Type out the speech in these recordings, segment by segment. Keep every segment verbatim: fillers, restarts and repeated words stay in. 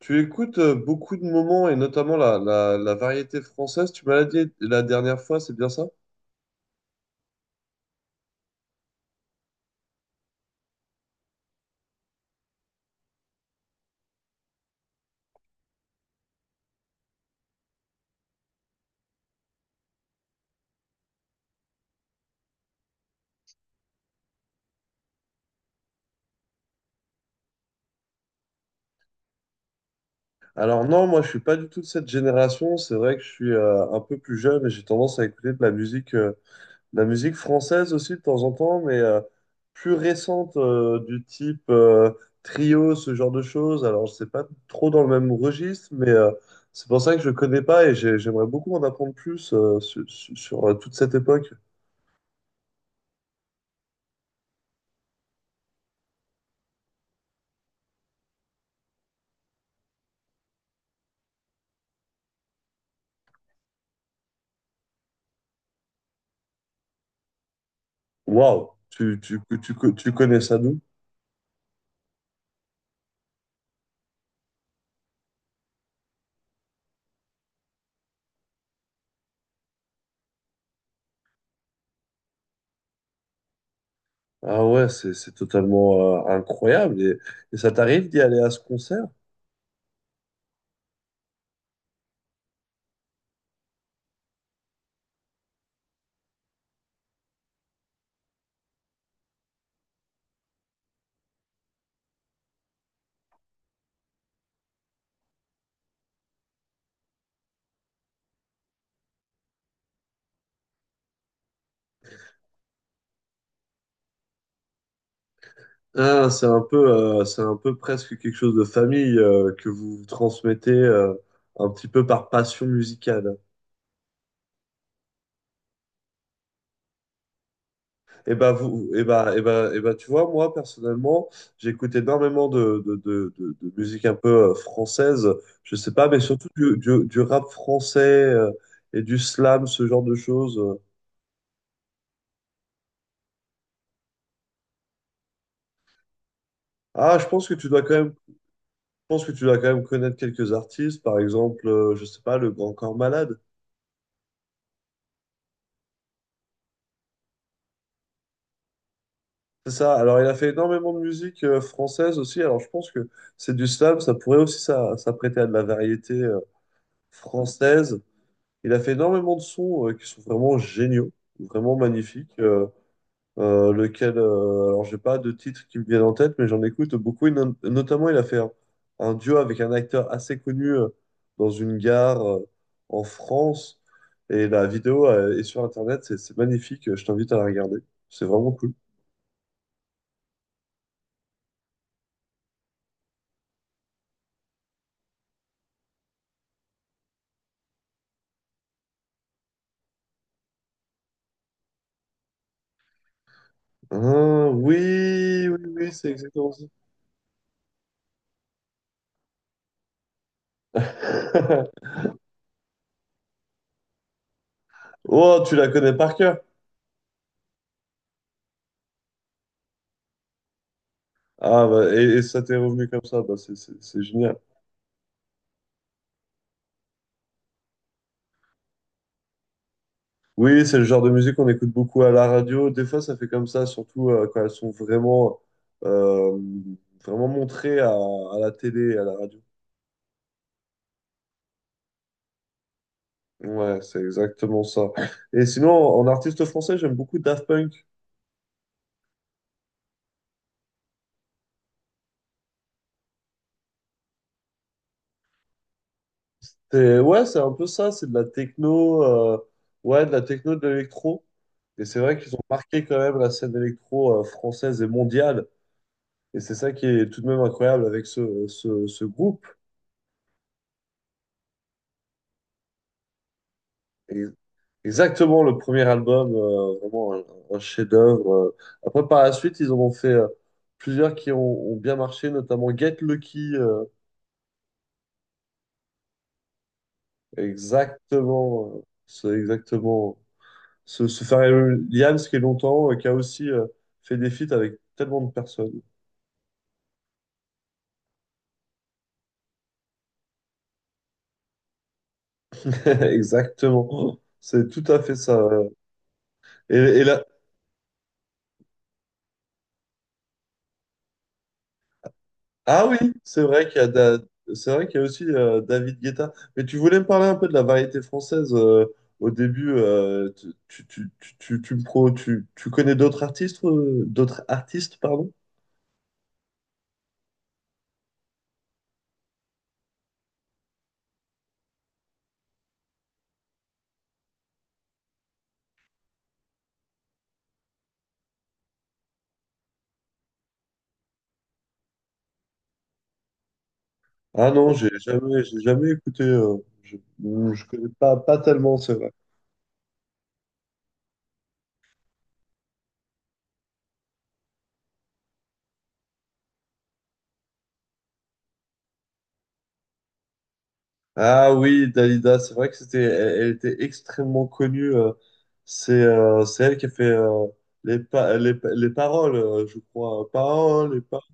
Tu écoutes euh, beaucoup de moments et notamment la, la, la variété française. Tu m'as dit la dernière fois, c'est bien ça? Alors non, moi je suis pas du tout de cette génération. C'est vrai que je suis euh, un peu plus jeune et j'ai tendance à écouter de la musique, euh, de la musique française aussi de temps en temps, mais euh, plus récente euh, du type euh, trio, ce genre de choses. Alors je sais pas trop dans le même registre, mais euh, c'est pour ça que je connais pas et j'ai- j'aimerais beaucoup en apprendre plus euh, sur, sur- sur, euh, toute cette époque. Waouh, tu, tu, tu, tu connais ça d'où? Ah ouais, c'est c'est totalement euh, incroyable. Et, et ça t'arrive d'y aller à ce concert? Ah, c'est un peu, euh, c'est un peu presque quelque chose de famille euh, que vous vous transmettez euh, un petit peu par passion musicale. Et bah vous, et bah, et bah, et bah, tu vois, moi personnellement, j'écoute énormément de, de, de, de, de musique un peu euh, française. Je sais pas, mais surtout du, du, du rap français euh, et du slam, ce genre de choses. Ah, je pense que tu dois quand même pense que tu dois quand même connaître quelques artistes, par exemple, euh, je sais pas, le Grand Corps Malade. C'est ça. Alors, il a fait énormément de musique euh, française aussi. Alors, je pense que c'est du slam. Ça pourrait aussi ça, s'apprêter à de la variété euh, française. Il a fait énormément de sons euh, qui sont vraiment géniaux, vraiment magnifiques. euh, euh, lequel, euh, Alors j'ai pas de titres qui me viennent en tête, mais j'en écoute beaucoup. Et non- notamment, il a fait un, un duo avec un acteur assez connu euh, dans une gare euh, en France. Et la vidéo euh, est sur Internet, c'est c'est magnifique, je t'invite à la regarder. C'est vraiment cool. Ah, oui, oui, oui, c'est exactement ça. Oh, tu la connais par cœur. Ah, bah, et, et ça t'est revenu comme ça, bah, c'est c'est- c'est génial. Oui, c'est le genre de musique qu'on écoute beaucoup à la radio. Des fois, ça fait comme ça, surtout euh, quand elles sont vraiment, euh, vraiment montrées à, à la télé et à la radio. Ouais, c'est exactement ça. Et sinon, en artiste français, j'aime beaucoup Daft Punk. C'est- Ouais, c'est un peu ça, c'est de la techno, euh, ouais, de la techno, de l'électro. Et c'est vrai qu'ils ont marqué quand même la scène électro euh, française et mondiale. Et c'est ça qui est tout de même incroyable avec ce, ce, ce groupe. Ex- Exactement, le premier album, euh, vraiment un, un chef-d'œuvre. euh. Après, par la suite, ils en ont fait euh, plusieurs qui ont, ont bien marché, notamment Get Lucky. euh, Exactement, euh, c'est exactement ce, ce Pharrell Williams qui est longtemps, euh, qui a aussi euh, fait des feats avec tellement de personnes. Exactement, c'est tout à fait ça. Ouais. Et, et la- Ah oui, c'est vrai qu'il y a Da- c'est vrai qu'il y a aussi euh, David Guetta. Mais tu voulais me parler un peu de la variété française euh, au début. Euh, tu, tu, tu, tu, tu, tu me pro- tu- Tu connais d'autres artistes, euh, d'autres artistes, pardon? Ah non, j'ai jamais, j'ai jamais écouté. Euh, je, non, je connais pas, pas tellement, c'est vrai. Ah oui, Dalida, c'est vrai que c'était, elle, elle était extrêmement connue. Euh, c'est euh, c'est elle qui a fait euh, les, pa- les, pa- les paroles, euh, je crois. Paroles, les paroles.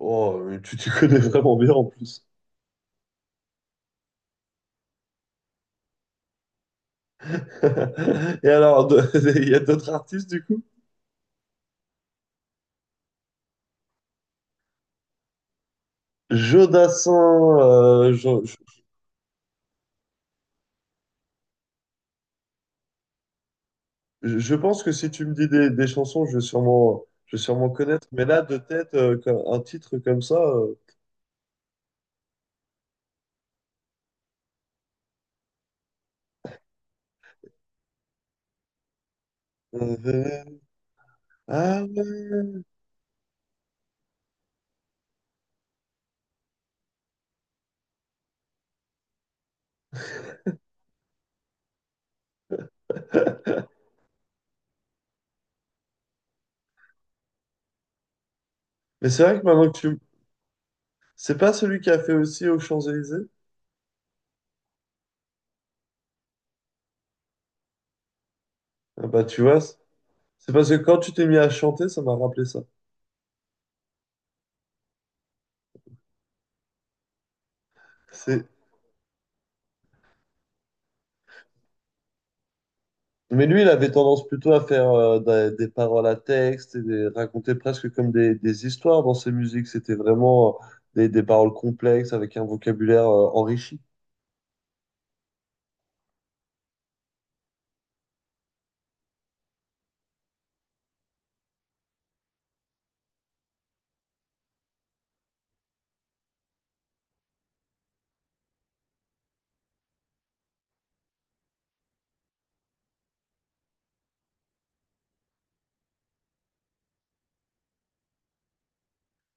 Oh, mais tu t'y connais vraiment bien en plus. Et alors, de- il y a d'autres artistes du coup? Jodassin, euh, je, je- je pense que si tu me dis des, des chansons, je vais sûrement, je vais sûrement connaître. Mais là, de tête, euh, comme- un titre comme ça. euh, euh, ah ouais. Mais c'est vrai que maintenant que tu. M- c'est pas celui qui a fait aussi aux Champs-Élysées? Ah bah, tu vois, c'est c'est parce que quand tu t'es mis à chanter, ça m'a rappelé ça. C'est Mais lui, il avait tendance plutôt à faire euh, des, des paroles à texte et des, raconter presque comme des, des histoires dans ses musiques. C'était vraiment euh, des, des paroles complexes avec un vocabulaire euh, enrichi.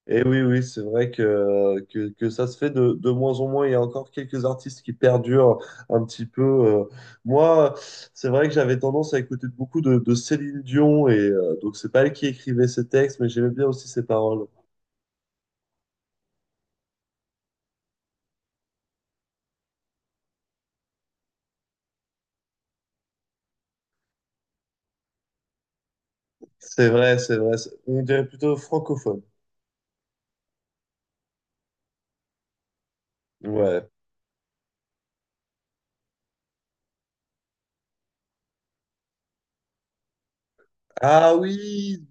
Et oui, oui, c'est vrai que, que, que ça se fait de, de moins en moins. Il y a encore quelques artistes qui perdurent un petit peu. euh. Moi, c'est vrai que j'avais tendance à écouter beaucoup de, de Céline Dion. Et euh, donc, c'est pas elle qui écrivait ses textes, mais j'aimais bien aussi ses paroles. C'est vrai, c'est vrai. c'est- On dirait plutôt francophone. Ouais. Ah oui,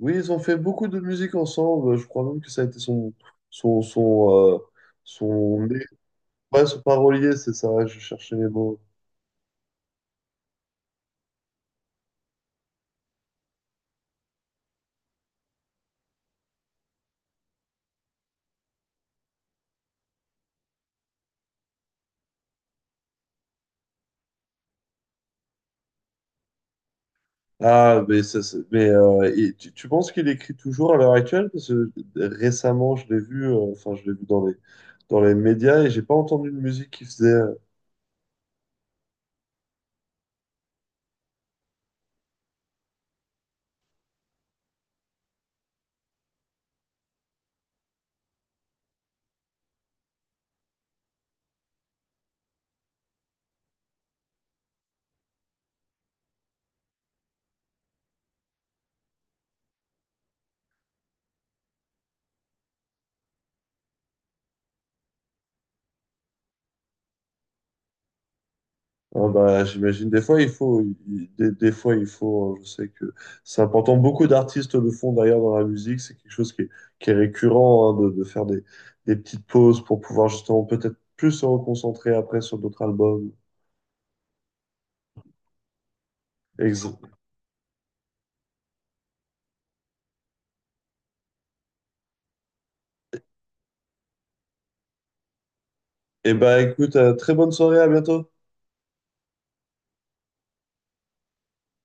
oui, ils ont fait beaucoup de musique ensemble. Je crois même que ça a été son, son, son, euh, son, ouais, son parolier, c'est ça. Je cherchais les mots. Ah, mais, ça, c'est- mais euh, et tu, tu penses qu'il écrit toujours à l'heure actuelle? Parce que récemment, je l'ai vu, euh, enfin, je l'ai vu dans les, dans les médias et j'ai pas entendu de musique qu'il faisait. Oh, bah, j'imagine des fois il faut il- des, des fois il faut euh, je sais que c'est important, beaucoup d'artistes le font d'ailleurs dans la musique, c'est quelque chose qui est, qui est récurrent hein, de, de faire des, des petites pauses pour pouvoir justement peut-être plus se reconcentrer après sur d'autres albums. Ex- Eh et bah écoute euh, très bonne soirée, à bientôt.